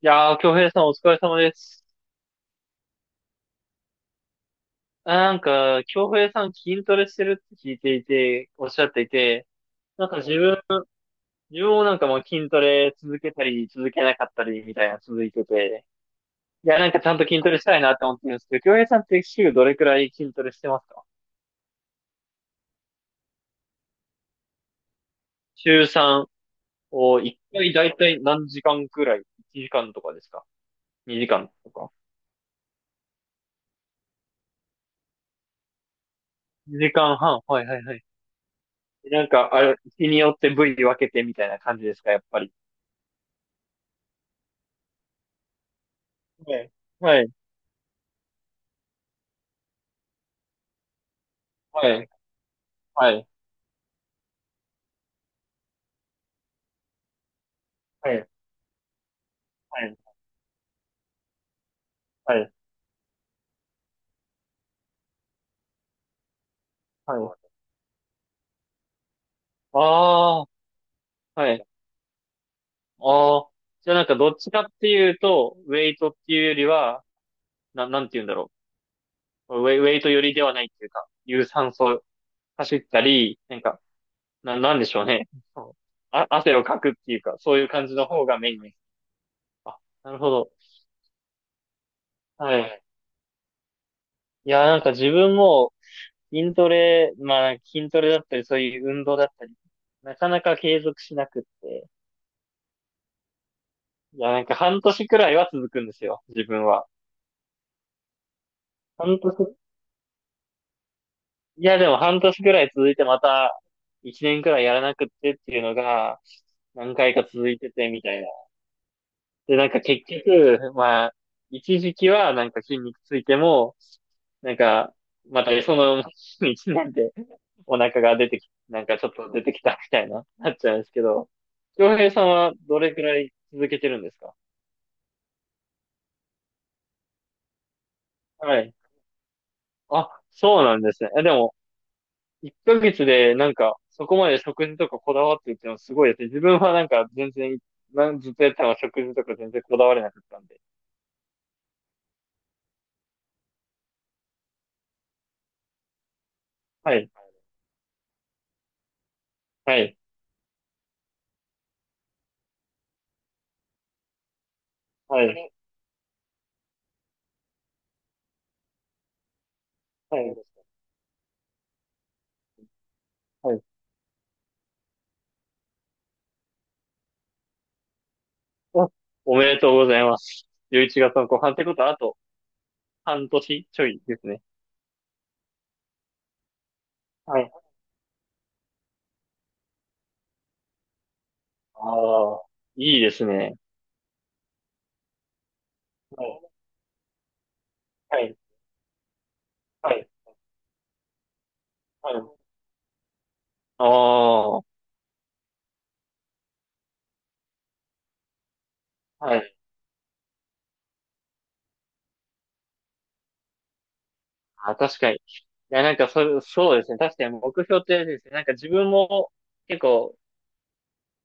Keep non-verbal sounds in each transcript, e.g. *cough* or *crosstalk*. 京平さんお疲れ様です。なんか、京平さん筋トレしてるって聞いていて、おっしゃっていて、なんか自分もなんかもう筋トレ続けたり、続けなかったりみたいな続いてて、いや、なんかちゃんと筋トレしたいなって思ってるんですけど、京平さんって週どれくらい筋トレしてますか？週3を1回だいたい何時間くらい？ 1 時間とかですか？ 2 時間とか？ 2 時間半。はいはいはい。なんか、あれ、日によって部位分けてみたいな感じですか、やっぱり。はい。はい。はい。はい。はい。はい。はい。はい。ああ、はい。ああ。じゃあなんかどっちかっていうと、ウェイトっていうよりは、なんて言うんだろう。ウェイト寄りではないっていうか、有酸素走ったり、なんか、なんでしょうね。そうあ、汗をかくっていうか、そういう感じの方がメインです。あ、なるほど。はい。いや、なんか自分も筋トレ、まあ筋トレだったり、そういう運動だったり、なかなか継続しなくって、いや、なんか半年くらいは続くんですよ、自分は。半年、いや、でも半年くらい続いて、また一年くらいやらなくってっていうのが何回か続いててみたいな。で、なんか結局、まあ、一時期はなんか筋肉ついても、なんか、またその *laughs* 一年でお腹が出てき、なんかちょっと出てきたみたいな、なっちゃうんですけど、京平さんはどれくらい続けてるんですか？はい。あ、そうなんですね。え、でも、1ヶ月でなんか、そこまで食事とかこだわってるっていうのはすごいですね。自分はなんか全然、なんずっとやったのは食事とか全然こだわれなかったんで。はい、はい、はい、はい、はい。あ、おめでとうございます。11月の後半ってことはあと半年ちょいですね。はい。ああ、いいですね。はい、はい、はい、はい。ああ、はい。あ、確かに。いや、なんかそうですね。確かに目標ってあれですね。なんか自分も結構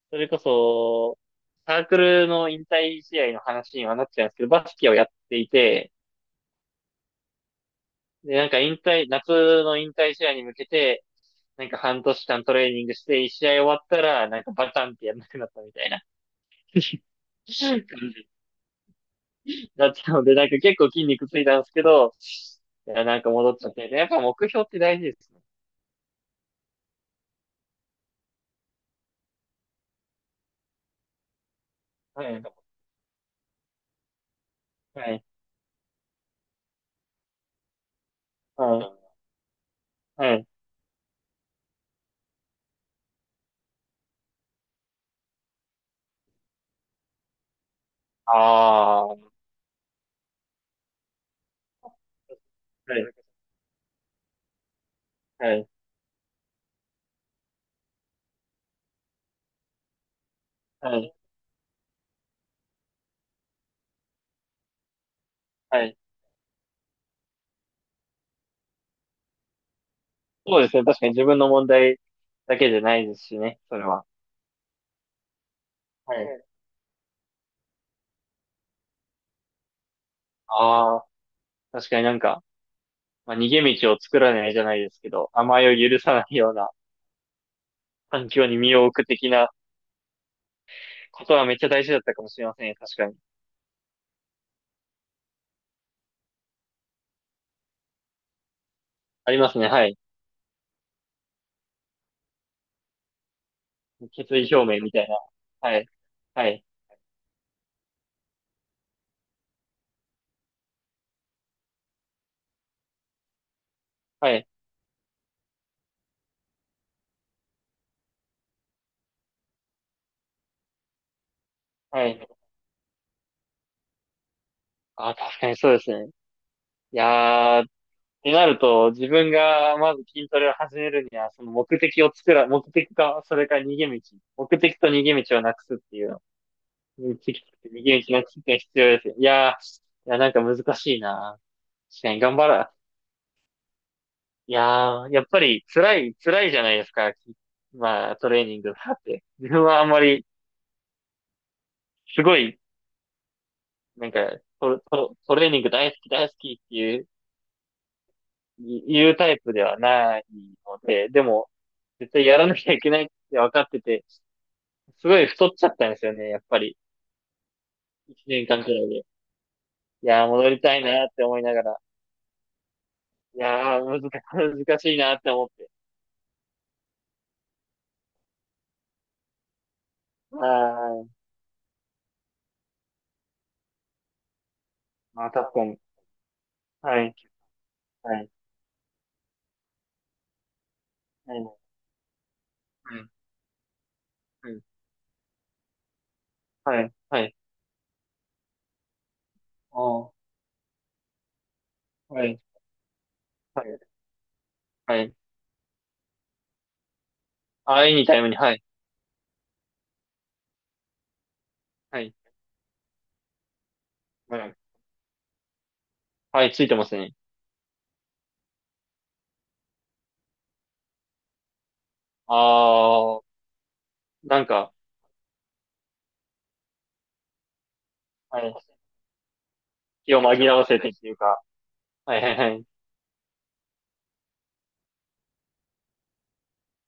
それこそ、サークルの引退試合の話にはなっちゃうんですけど、バスケをやっていて、で、なんか引退、夏の引退試合に向けて、なんか半年間トレーニングして、一試合終わったら、なんかバタンってやんなくなったみたいな *laughs* 感じだったので、なんか結構筋肉ついたんですけど、いや、なんか戻っちゃって、やっぱ目標って大事ですね。はい。はい。はい。はい。ああー。はい。はい。はい。はい。そうですね。確かに自分の問題だけじゃないですしね、それは。はい。うん。ああ、確かになんか、まあ、逃げ道を作らないじゃないですけど、甘えを許さないような環境に身を置く的なことはめっちゃ大事だったかもしれませんよ。確かに。ありますね。はい。決意表明みたいな。はい。はい。はい。はい。ああ、確かにそうですね。いやー、ってなると、自分がまず筋トレを始めるには、その目的か、それから逃げ道。目的と逃げ道をなくすっていう右利きって右打ちの知識が必要ですよ。いやー、いや、なんか難しいな。確かに頑張ら、いやー、やっぱり辛い、辛いじゃないですか。まあ、トレーニングだって。自分はあんまり、すごい、なんか、トレーニング大好き大好きっていう、言うタイプではないので、でも、絶対やらなきゃいけないって分かってて、すごい太っちゃったんですよね、やっぱり。一年間くらいで。いやー、戻りたいなって思いながら。いやー、難しいなって思って。ああ、まあ確かに。はい、はい、はい、はい、はい、はい、ああ、はい、はい、はい。ああ、いにタイムに、はい、はい、はい、はい、ついてますね。ああ、なんか、はい、気を紛らわせてっていうか、はいはいはい。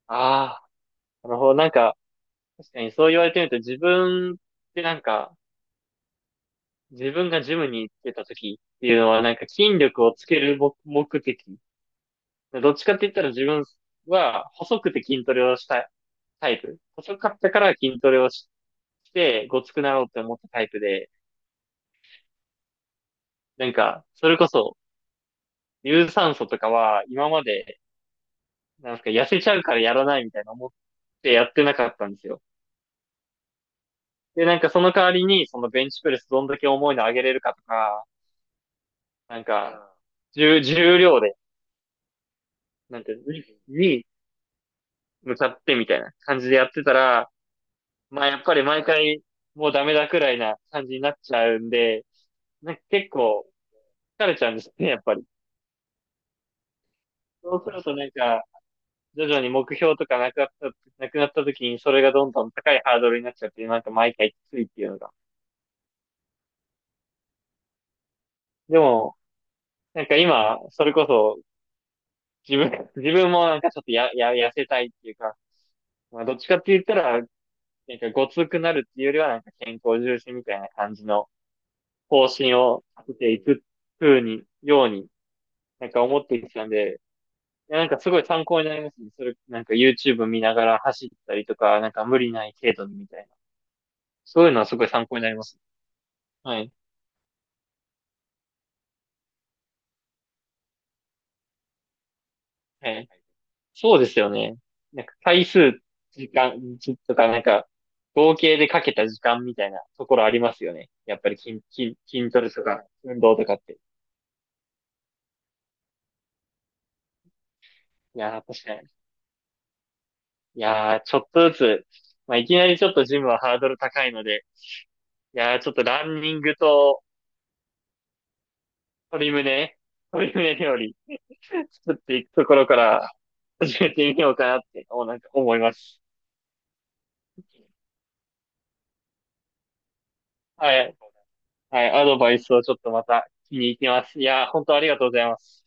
ああ、なるほど、なんか、確かにそう言われてみると自分ってなんか、自分がジムに行ってた時っていうのはなんか筋力をつける目的、どっちかって言ったら自分は細くて筋トレをしたいタイプ。細かったから筋トレをしてごつくなろうって思ったタイプで、なんか、それこそ、有酸素とかは今まで、なんですか、痩せちゃうからやらないみたいな思ってやってなかったんですよ。で、なんかその代わりに、そのベンチプレスどんだけ重いの上げれるかとか、なんか、重量で、なんていうの、に向かってみたいな感じでやってたら、まあやっぱり毎回もうダメだくらいな感じになっちゃうんで、なんか結構疲れちゃうんですね、やっぱり。そうするとなんか、徐々に目標とかなくなった時にそれがどんどん高いハードルになっちゃって、なんか毎回きついっていうのが。でも、なんか今、それこそ自分、*laughs* 自分もなんかちょっと痩せたいっていうか、まあどっちかって言ったら、なんかごつくなるっていうよりはなんか健康重視みたいな感じの方針を立てていくように、なんか思ってきたんで、や、なんかすごい参考になりますね。それ、なんか YouTube 見ながら走ったりとか、なんか無理ない程度にみたいな。そういうのはすごい参考になりますね。はい。はい。そうですよね。なんか回数、時間、じとか、なんか、合計でかけた時間みたいなところありますよね。やっぱり筋トレとか、運動とかって。いやー、確かに。いやー、ちょっとずつ、まあ、いきなりちょっとジムはハードル高いので、いやー、ちょっとランニングと鶏胸、鶏胸料理作っていくところから始めてみようかなって、なんか思います。はい。はい。アドバイスをちょっとまた気に入ってます。いや、本当ありがとうございます。